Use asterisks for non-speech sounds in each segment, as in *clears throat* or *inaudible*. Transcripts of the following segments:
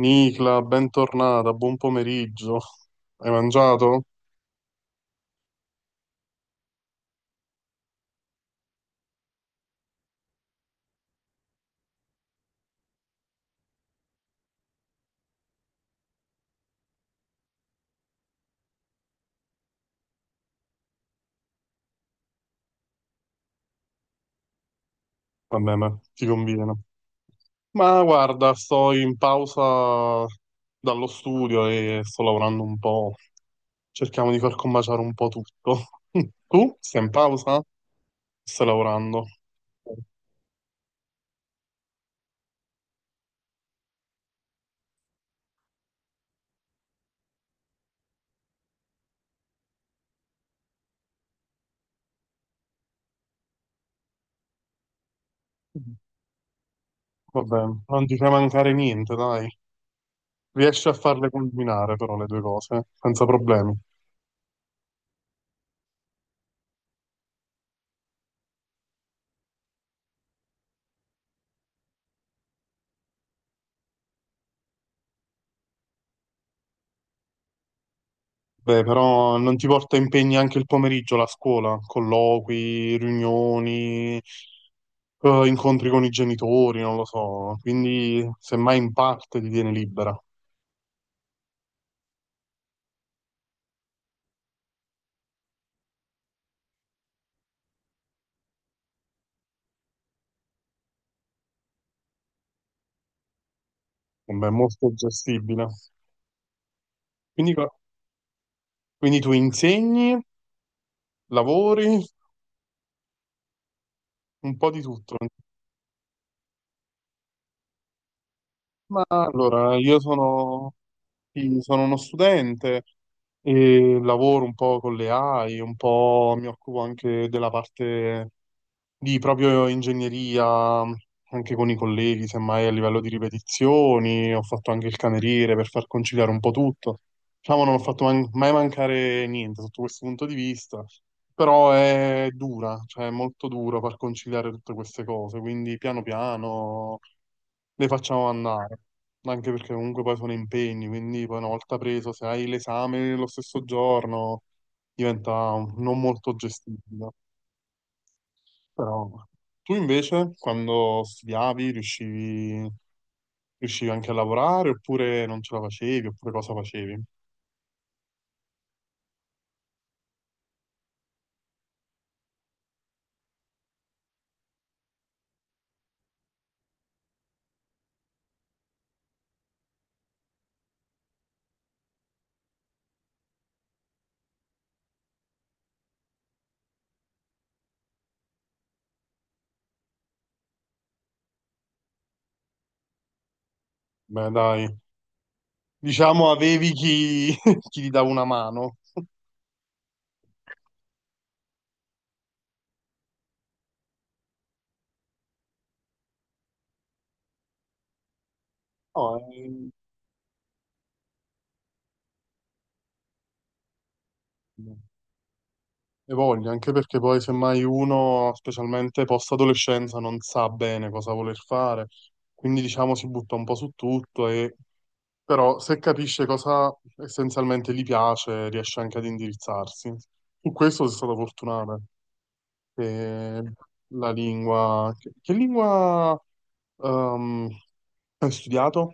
Nicla, bentornata, buon pomeriggio. Hai mangiato? Vabbè, ma ti conviene. Ma guarda, sto in pausa dallo studio e sto lavorando un po'. Cerchiamo di far combaciare un po' tutto. *laughs* Tu? Stai in pausa? Stai lavorando? Vabbè, non ti fai mancare niente, dai. Riesci a farle combinare però le due cose, senza problemi. Beh, però non ti porta impegni anche il pomeriggio la scuola, colloqui, riunioni, incontri con i genitori, non lo so, quindi semmai in parte ti tiene libera. Vabbè, è molto gestibile. Quindi, co- quindi tu insegni, lavori, un po' di tutto. Ma allora, sì, sono uno studente e lavoro un po' con le AI, un po' mi occupo anche della parte di proprio ingegneria, anche con i colleghi, semmai a livello di ripetizioni. Ho fatto anche il cameriere per far conciliare un po' tutto. Diciamo, non ho fatto man- mai mancare niente sotto questo punto di vista, però è dura, cioè è molto duro far conciliare tutte queste cose, quindi piano piano le facciamo andare, anche perché comunque poi sono impegni, quindi poi una volta preso, se hai l'esame lo stesso giorno, diventa non molto gestibile. Però tu invece, quando studiavi, riuscivi anche a lavorare oppure non ce la facevi, oppure cosa facevi? Beh, dai, diciamo avevi chi, *laughs* chi ti dava una mano. No, eh, e voglio, anche perché poi semmai uno, specialmente post-adolescenza, non sa bene cosa voler fare, quindi diciamo si butta un po' su tutto e però se capisce cosa essenzialmente gli piace, riesce anche ad indirizzarsi. Su questo sono stato fortunato, che la lingua... che lingua ehm, hai studiato?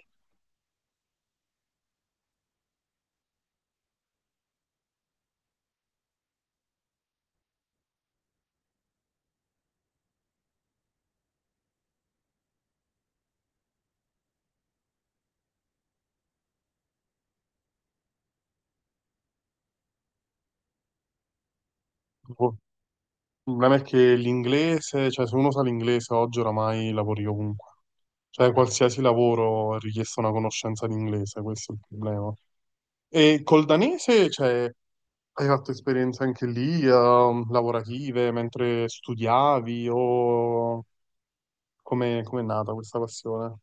Tipo, il problema è che l'inglese, cioè se uno sa l'inglese oggi oramai lavori ovunque. Cioè, qualsiasi lavoro è richiesta una conoscenza di inglese, questo è il problema. E col danese, cioè, hai fatto esperienze anche lì, lavorative, mentre studiavi, o come è nata questa passione?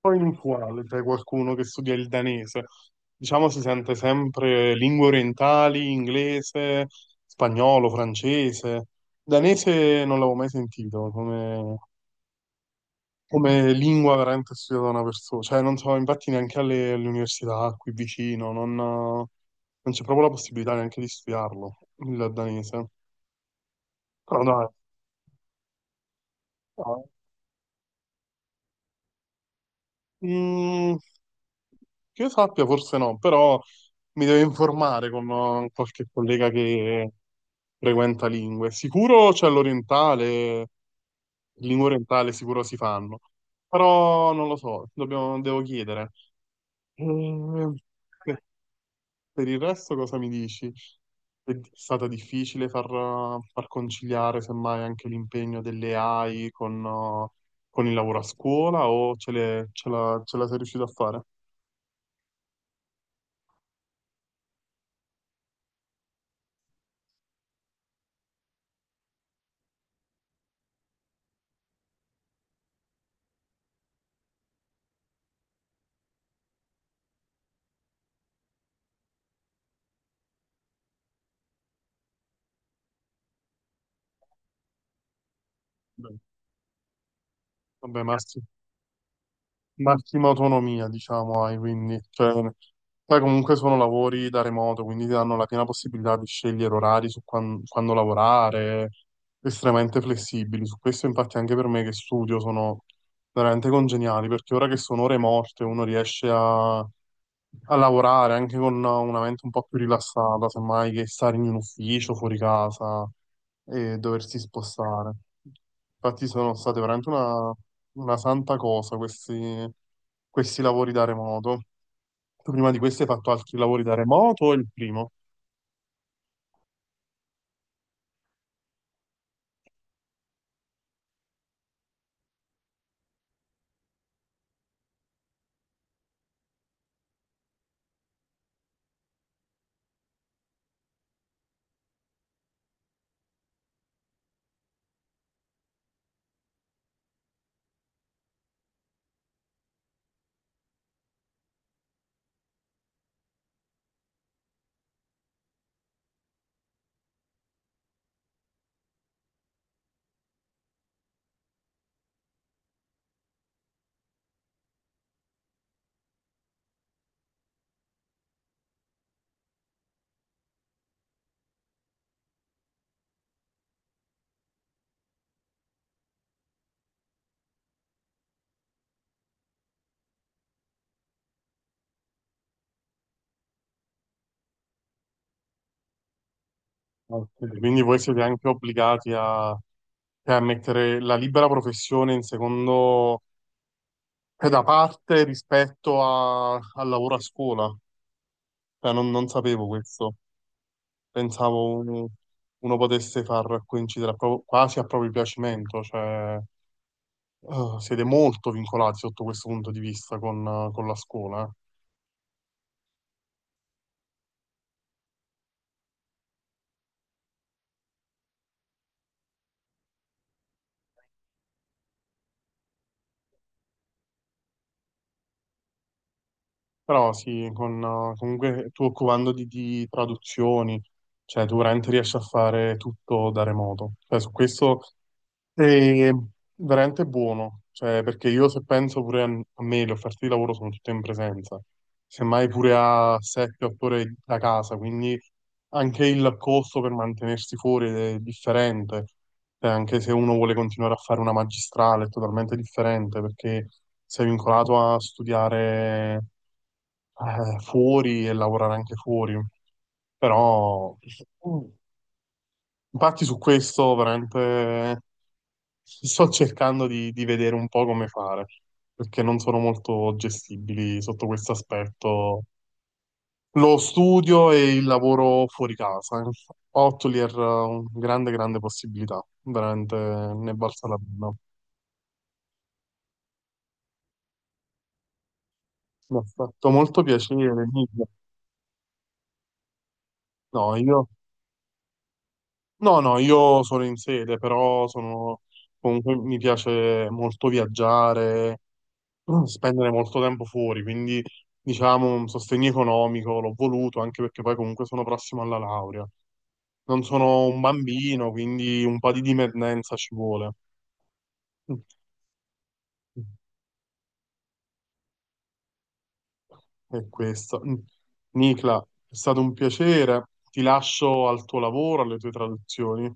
Poi inusuale, cioè qualcuno che studia il danese. Diciamo si sente sempre lingue orientali, inglese, spagnolo, francese. Danese non l'avevo mai sentito, come come lingua veramente studiata da una persona, cioè non so, infatti neanche alle, alle università qui vicino, non c'è proprio la possibilità neanche di studiarlo, il danese. Però dai, no. Mm, che io sappia forse no, però mi devo informare con qualche collega che frequenta lingue. Sicuro c'è l'orientale, lingua orientale sicuro si fanno, però non lo so, devo chiedere. Mm, per il resto cosa mi dici? Stata difficile far, far conciliare semmai anche l'impegno delle AI con il lavoro a scuola o ce la sei riuscito a fare? Beh, vabbè, Massimo, massima autonomia, diciamo, hai, quindi, cioè, poi comunque sono lavori da remoto, quindi ti danno la piena possibilità di scegliere orari su quando lavorare, estremamente flessibili. Su questo, infatti, anche per me che studio sono veramente congeniali, perché ora che sono ore morte, uno riesce a lavorare anche con una mente un po' più rilassata, semmai che stare in un ufficio fuori casa e doversi spostare. Infatti sono state veramente una santa cosa questi, questi lavori da remoto. Tu prima di questi hai fatto altri lavori da remoto o il primo? Ok, quindi voi siete anche obbligati a mettere la libera professione in secondo, cioè da parte rispetto al lavoro a scuola. Cioè, non sapevo questo. Pensavo un- uno potesse far coincidere quasi a proprio piacimento. Cioè, siete molto vincolati sotto questo punto di vista con la scuola, eh. Però sì, con, comunque tu occupando di traduzioni, cioè tu veramente riesci a fare tutto da remoto. Cioè, su questo è veramente buono, cioè, perché io se penso pure a me, le offerte di lavoro sono tutte in presenza, semmai pure a 7-8 ore da casa, quindi anche il costo per mantenersi fuori è differente. Cioè, anche se uno vuole continuare a fare una magistrale è totalmente differente perché sei vincolato a studiare fuori e lavorare anche fuori. Però, infatti, su questo veramente sto cercando di vedere un po' come fare, perché non sono molto gestibili sotto questo aspetto. Lo studio e il lavoro fuori casa. Ottoli era una grande, grande possibilità, veramente ne è valsa la pena. Mi ha fatto molto piacere, Emilio. No, io. No, no, io sono in sede, però sono, comunque mi piace molto viaggiare, *clears throat* spendere molto tempo fuori, quindi diciamo un sostegno economico l'ho voluto, anche perché poi comunque sono prossimo alla laurea. Non sono un bambino, quindi un po' di dipendenza ci vuole. Mm. È questo. Mm. Nicla, è stato un piacere, ti lascio al tuo lavoro, alle tue traduzioni.